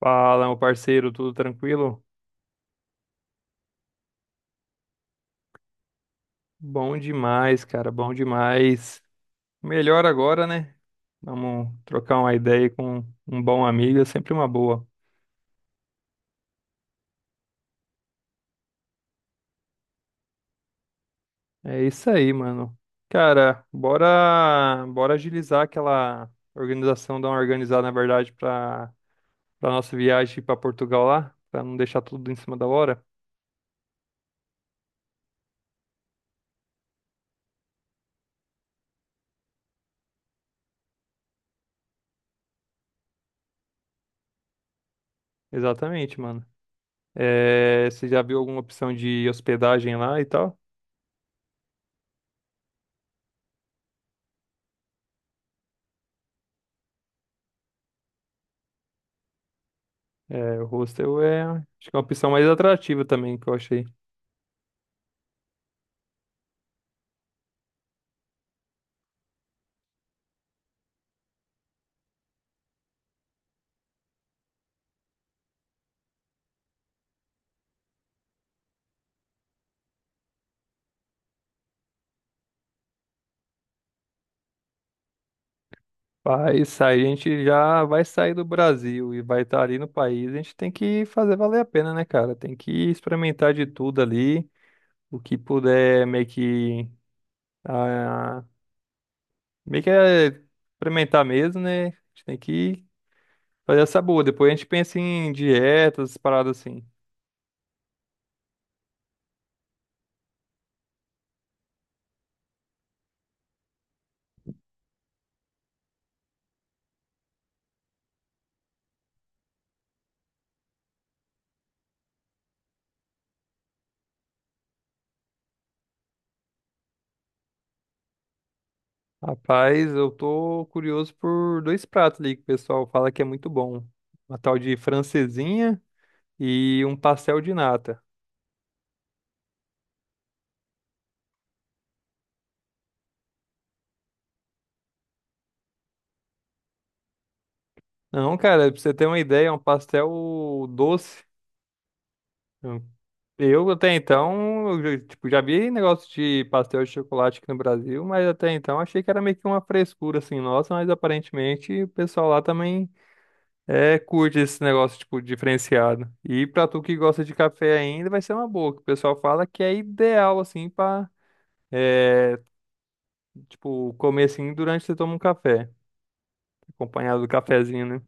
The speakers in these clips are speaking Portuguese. Fala, meu parceiro, tudo tranquilo? Bom demais, cara, bom demais. Melhor agora, né? Vamos trocar uma ideia com um bom amigo, é sempre uma boa. É isso aí, mano. Cara, bora agilizar aquela organização, dar uma organizada, na verdade, para nossa viagem para Portugal lá, para não deixar tudo em cima da hora. Exatamente, mano. É, você já viu alguma opção de hospedagem lá e tal? É, o hostel é, acho que é uma opção mais atrativa também que eu achei. Vai sair, a gente já vai sair do Brasil e vai estar ali no país, a gente tem que fazer valer a pena, né, cara? Tem que experimentar de tudo ali, o que puder ah, meio que experimentar mesmo, né? A gente tem que fazer essa boa. Depois a gente pensa em dietas, paradas assim. Rapaz, eu tô curioso por dois pratos ali que o pessoal fala que é muito bom. Uma tal de francesinha e um pastel de nata. Não, cara, pra você ter uma ideia, é um pastel doce. Eu até então, eu, tipo, já vi negócio de pastel de chocolate aqui no Brasil, mas até então achei que era meio que uma frescura assim, nossa, mas aparentemente o pessoal lá também curte esse negócio tipo diferenciado. E pra tu que gosta de café ainda, vai ser uma boa, que o pessoal fala que é ideal assim pra é, tipo comer assim durante que você toma um café, acompanhado do cafezinho, né?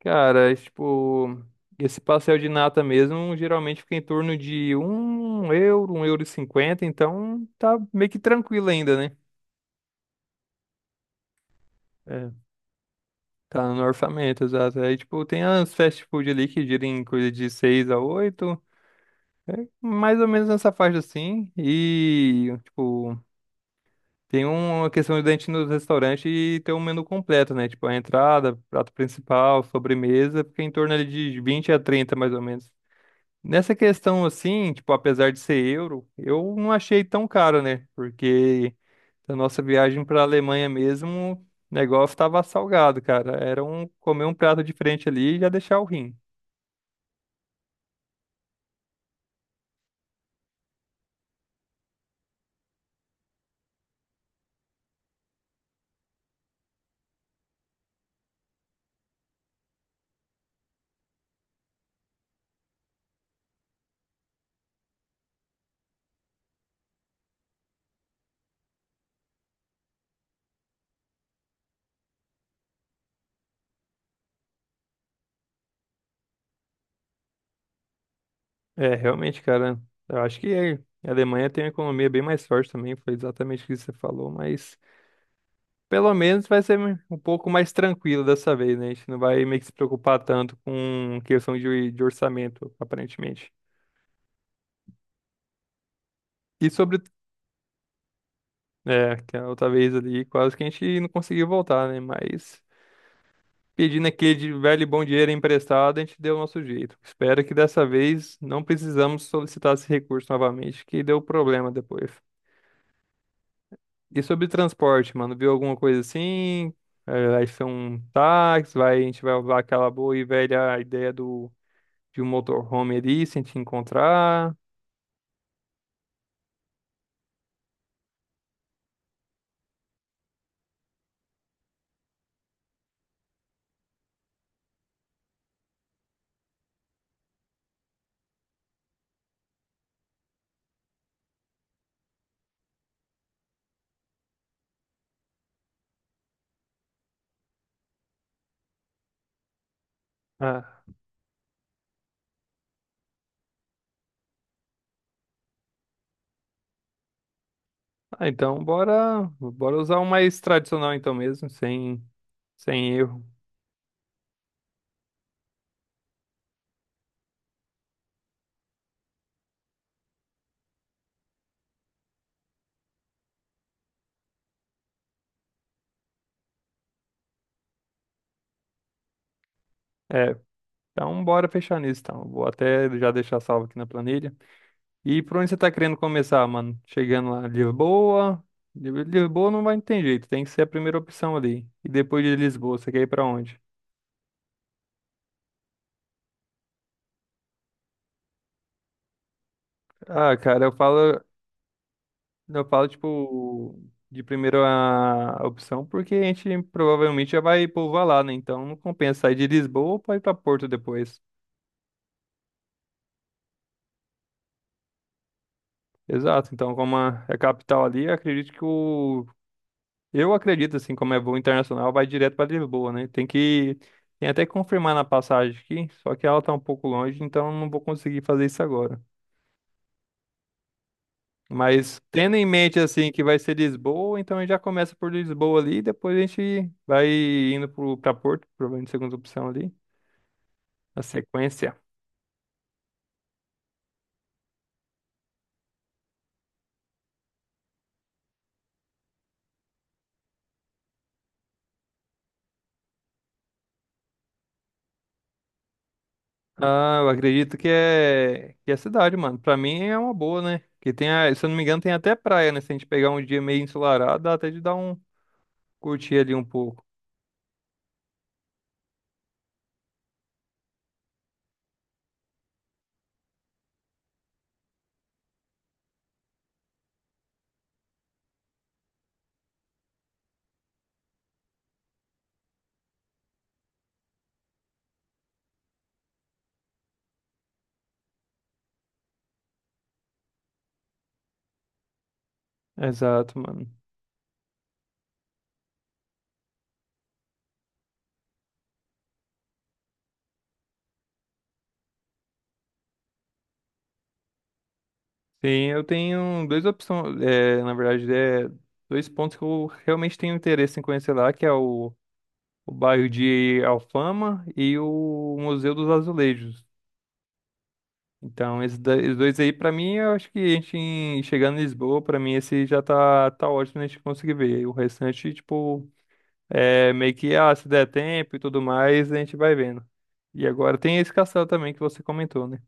Cara, esse pastel de nata mesmo geralmente fica em torno de 1 euro, 1,50 euros, então tá meio que tranquilo ainda, né? É. Tá no orçamento, exato. Aí, tipo, tem as fast food ali que giram em coisa de 6 a 8 mais ou menos nessa faixa assim. E, tipo, tem uma questão de a gente ir no restaurante e ter um menu completo, né? Tipo, a entrada, prato principal, sobremesa, fica em torno ali de 20 a 30 mais ou menos. Nessa questão assim, tipo, apesar de ser euro, eu não achei tão caro, né? Porque a nossa viagem para a Alemanha mesmo, o negócio estava salgado, cara. Era um comer um prato diferente ali e já deixar o rim. É, realmente, cara, eu acho que a Alemanha tem uma economia bem mais forte também, foi exatamente o que você falou, mas pelo menos vai ser um pouco mais tranquilo dessa vez, né? A gente não vai meio que se preocupar tanto com questão de orçamento, aparentemente. E sobre o É, que a outra vez ali, quase que a gente não conseguiu voltar, né? Mas pedindo aquele de velho e bom dinheiro emprestado, a gente deu o nosso jeito. Espero que dessa vez não precisamos solicitar esse recurso novamente, que deu problema depois. E sobre transporte, mano, viu alguma coisa assim? É, vai ser um táxi, vai, a gente vai usar aquela boa e velha ideia de um motorhome ali, sem te encontrar. Ah, ah, então bora usar o mais tradicional então mesmo, sem erro. é Então, bora fechar nisso, então. Vou até já deixar salvo aqui na planilha. E por onde você tá querendo começar, mano? Chegando lá, Lisboa. Lisboa não vai ter jeito, tem que ser a primeira opção ali. E depois de Lisboa, você quer ir pra onde? Ah, cara, eu falo, tipo, de primeira opção, porque a gente provavelmente já vai povoar lá, né? Então não compensa sair de Lisboa pra ir pra Porto depois. Exato, então como é a capital ali, eu acredito que o Eu acredito, assim, como é voo internacional, vai direto para Lisboa, né? Tem que. Tem até que confirmar na passagem aqui, só que ela tá um pouco longe, então não vou conseguir fazer isso agora. Mas tendo em mente, assim, que vai ser Lisboa, então a gente já começa por Lisboa ali, depois a gente vai indo pra Porto, provavelmente segunda opção ali, a sequência. Ah, eu acredito que é cidade, mano. Pra mim é uma boa, né? Que tem a, se eu não me engano, tem até praia, né? Se a gente pegar um dia meio ensolarado, dá até de dar um curtir ali um pouco. Exato, mano. Sim, eu tenho duas opções, é, na verdade, é, dois pontos que eu realmente tenho interesse em conhecer lá, que é o bairro de Alfama e o Museu dos Azulejos. Então, esses, esses dois aí, pra mim, eu acho que a gente, chegando em Lisboa, pra mim, esse já tá, tá ótimo a gente conseguir ver. E o restante, tipo, é meio que, ah, se der tempo e tudo mais, a gente vai vendo. E agora tem esse castelo também que você comentou, né?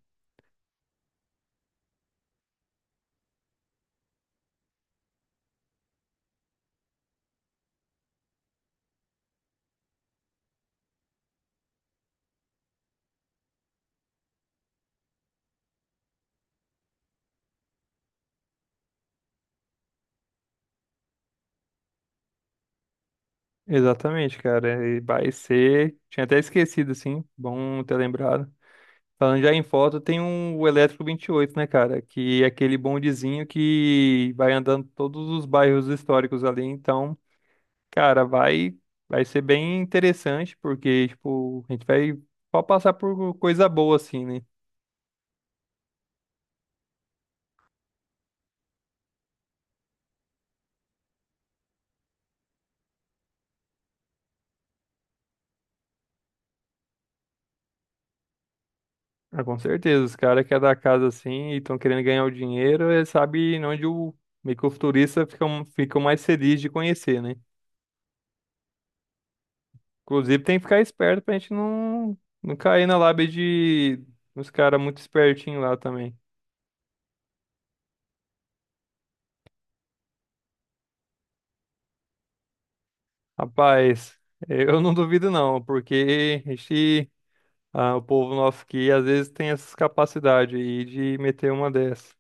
Exatamente, cara. E vai ser. Tinha até esquecido, assim. Bom ter lembrado. Falando já em foto, tem o Elétrico 28, né, cara? Que é aquele bondezinho que vai andando todos os bairros históricos ali. Então, cara, vai ser bem interessante, porque, tipo, a gente vai só passar por coisa boa, assim, né? Ah, com certeza. Os caras que é da casa, assim, e estão querendo ganhar o dinheiro, sabe onde o meio que o futurista fica, fica mais feliz de conhecer, né? Inclusive, tem que ficar esperto pra gente não cair na lábia de uns caras muito espertinhos lá também. Rapaz, eu não duvido não, porque o povo nosso aqui às vezes tem essas capacidades aí de meter uma dessa.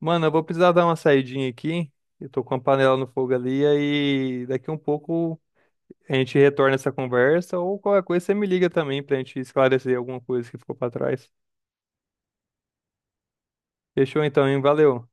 Mano, eu vou precisar dar uma saidinha aqui. Eu tô com a panela no fogo ali, aí daqui um pouco a gente retorna essa conversa ou qualquer coisa você me liga também pra gente esclarecer alguma coisa que ficou pra trás. Fechou então, hein? Valeu.